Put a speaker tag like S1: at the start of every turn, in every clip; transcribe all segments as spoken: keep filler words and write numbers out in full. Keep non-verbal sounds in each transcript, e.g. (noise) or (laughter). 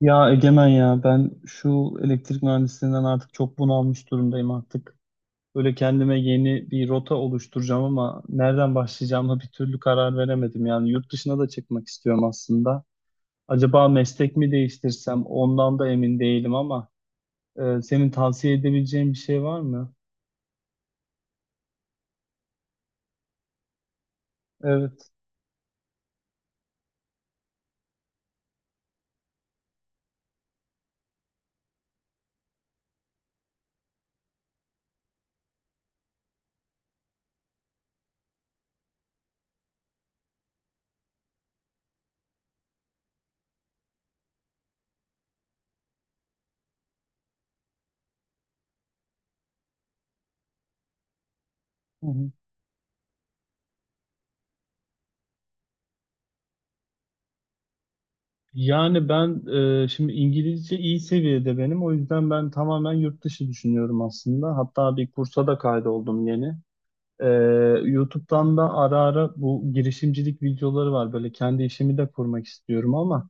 S1: Ya Egemen ya ben şu elektrik mühendisliğinden artık çok bunalmış durumdayım artık. Böyle kendime yeni bir rota oluşturacağım ama nereden başlayacağıma bir türlü karar veremedim. Yani yurt dışına da çıkmak istiyorum aslında. Acaba meslek mi değiştirsem ondan da emin değilim ama e, senin tavsiye edebileceğin bir şey var mı? Evet. Hı hı. Yani ben e, şimdi İngilizce iyi seviyede benim. O yüzden ben tamamen yurt dışı düşünüyorum aslında. Hatta bir kursa da kaydoldum yeni. Ee, YouTube'dan da ara ara bu girişimcilik videoları var. Böyle kendi işimi de kurmak istiyorum ama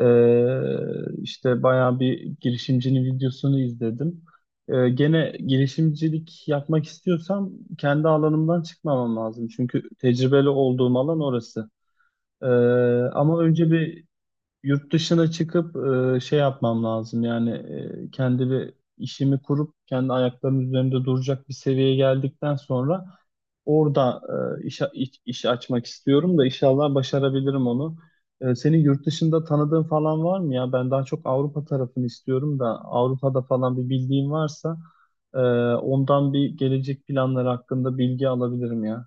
S1: ee, işte bayağı bir girişimcinin videosunu izledim. Ee, gene girişimcilik yapmak istiyorsam kendi alanımdan çıkmamam lazım. Çünkü tecrübeli olduğum alan orası. Ee, Ama önce bir yurt dışına çıkıp e, şey yapmam lazım, yani e, kendi bir işimi kurup kendi ayaklarımın üzerinde duracak bir seviyeye geldikten sonra orada e, iş, iş, iş açmak istiyorum da inşallah başarabilirim onu. E, senin yurt dışında tanıdığın falan var mı ya? Ben daha çok Avrupa tarafını istiyorum da Avrupa'da falan bir bildiğin varsa e, ondan bir gelecek planları hakkında bilgi alabilirim ya.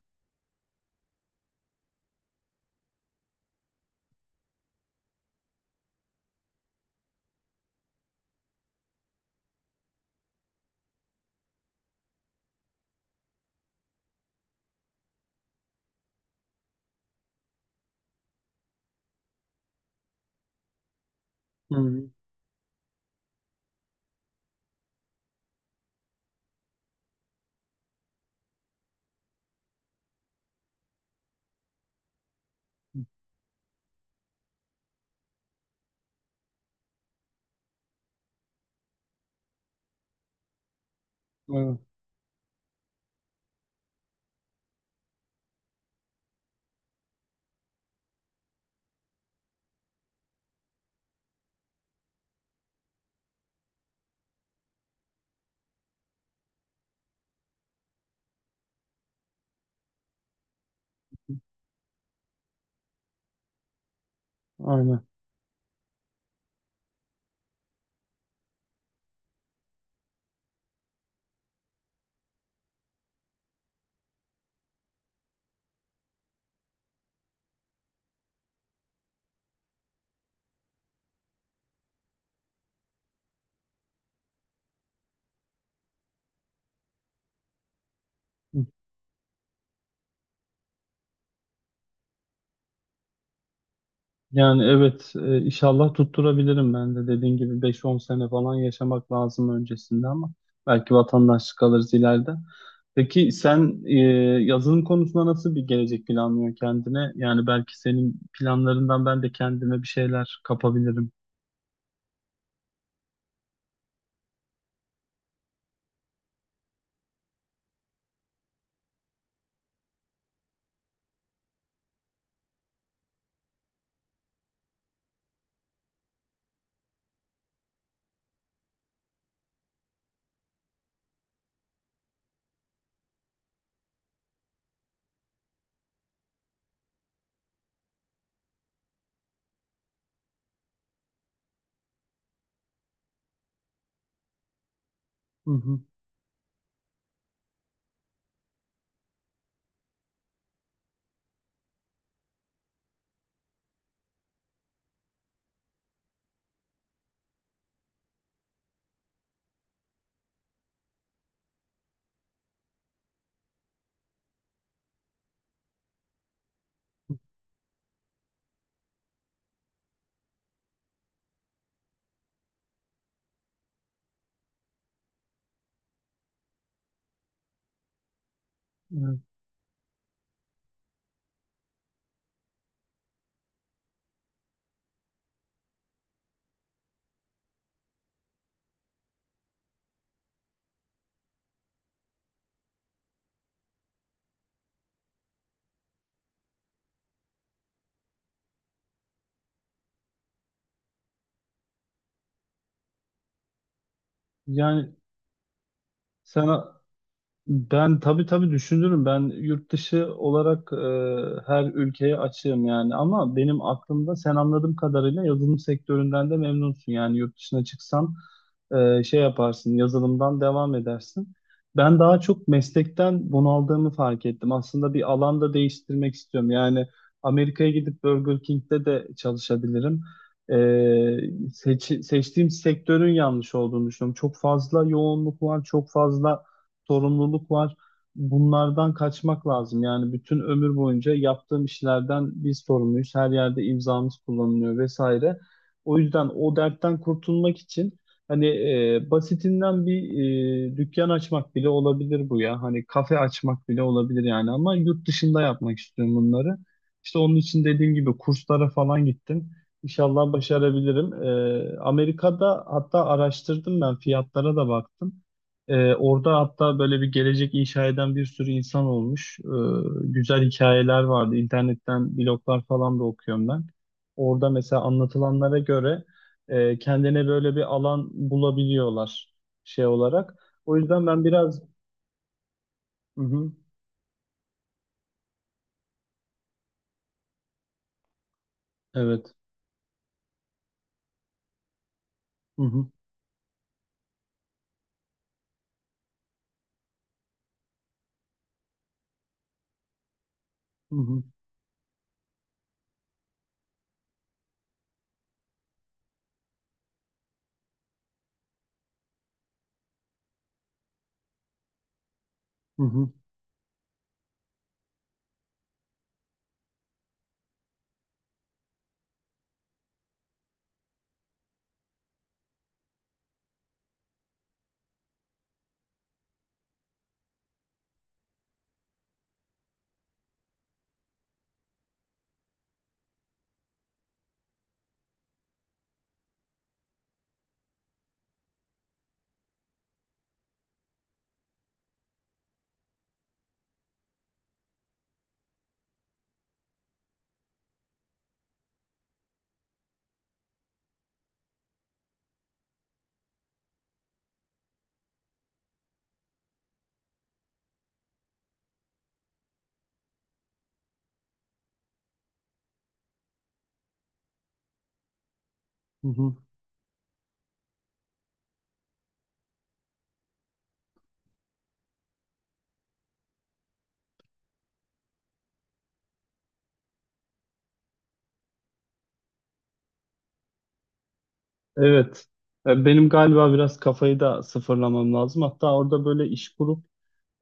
S1: Hı. Evet, aynen. Yani evet, e, inşallah tutturabilirim, ben de dediğin gibi beş on sene falan yaşamak lazım öncesinde ama belki vatandaşlık alırız ileride. Peki sen, e, yazılım konusunda nasıl bir gelecek planlıyorsun kendine? Yani belki senin planlarından ben de kendime bir şeyler kapabilirim. Hı hı. Evet. Yani sen Ben tabii tabii düşünürüm. Ben yurt dışı olarak e, her ülkeye açığım yani. Ama benim aklımda sen, anladığım kadarıyla, yazılım sektöründen de memnunsun. Yani yurt dışına çıksan e, şey yaparsın, yazılımdan devam edersin. Ben daha çok meslekten bunaldığımı fark ettim. Aslında bir alanda değiştirmek istiyorum. Yani Amerika'ya gidip Burger King'de de çalışabilirim. E, seç- Seçtiğim sektörün yanlış olduğunu düşünüyorum. Çok fazla yoğunluk var, çok fazla sorumluluk var. Bunlardan kaçmak lazım. Yani bütün ömür boyunca yaptığım işlerden biz sorumluyuz. Her yerde imzamız kullanılıyor vesaire. O yüzden o dertten kurtulmak için, hani, e, basitinden bir e, dükkan açmak bile olabilir bu ya. Hani kafe açmak bile olabilir yani, ama yurt dışında yapmak istiyorum bunları. İşte onun için dediğim gibi kurslara falan gittim. İnşallah başarabilirim. E, Amerika'da hatta araştırdım ben, fiyatlara da baktım. Ee, orada hatta böyle bir gelecek inşa eden bir sürü insan olmuş. Ee, güzel hikayeler vardı. İnternetten bloglar falan da okuyorum ben. Orada mesela anlatılanlara göre e, kendine böyle bir alan bulabiliyorlar şey olarak. O yüzden ben biraz... Hı hı, evet. Hı hı, hı hı, hı hı, hı hı. Evet. E, Benim galiba biraz kafayı da sıfırlamam lazım. Hatta orada böyle iş kurup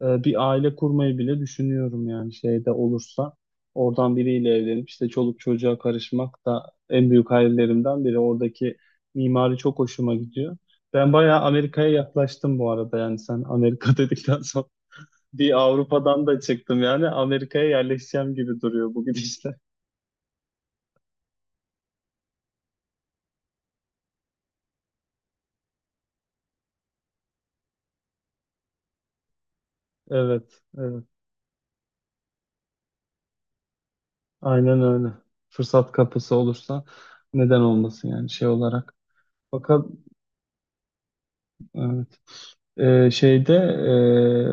S1: Ee, bir aile kurmayı bile düşünüyorum yani, şeyde olursa. Oradan biriyle evlenip işte çoluk çocuğa karışmak da en büyük hayallerimden biri. Oradaki mimari çok hoşuma gidiyor. Ben bayağı Amerika'ya yaklaştım bu arada, yani sen Amerika (laughs) dedikten sonra bir Avrupa'dan da çıktım, yani Amerika'ya yerleşeceğim gibi duruyor bu gidişle. Evet, evet. Aynen öyle. Fırsat kapısı olursa neden olmasın yani, şey olarak. Fakat Evet. Ee, şeyde,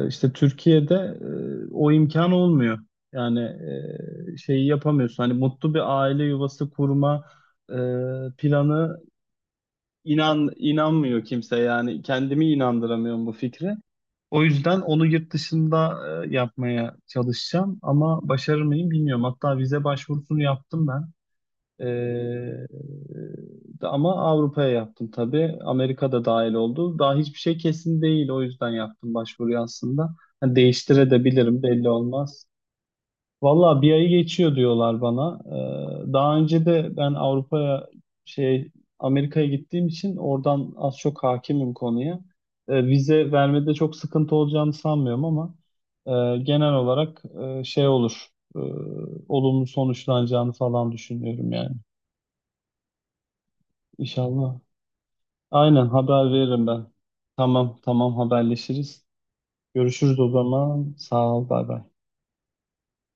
S1: e, işte Türkiye'de e, o imkan olmuyor. Yani e, şeyi yapamıyorsun. Hani mutlu bir aile yuvası kurma e, planı, inan inanmıyor kimse. Yani kendimi inandıramıyorum bu fikre. O yüzden onu yurt dışında e, yapmaya çalışacağım, ama başarır mıyım bilmiyorum. Hatta vize başvurusunu yaptım ben. Ee, da- Ama Avrupa'ya yaptım tabii. Amerika da dahil oldu. Daha hiçbir şey kesin değil. O yüzden yaptım başvuruyu aslında. Hani değiştirebilirim, belli olmaz. Valla bir ayı geçiyor diyorlar bana. Ee, daha önce de ben Avrupa'ya şey Amerika'ya gittiğim için oradan az çok hakimim konuya. Ee, vize vermede çok sıkıntı olacağını sanmıyorum ama e, genel olarak e, şey olur, e, olumlu sonuçlanacağını falan düşünüyorum yani. İnşallah. Aynen, haber veririm ben. Tamam, tamam, haberleşiriz. Görüşürüz o zaman. Sağ ol, bay bay.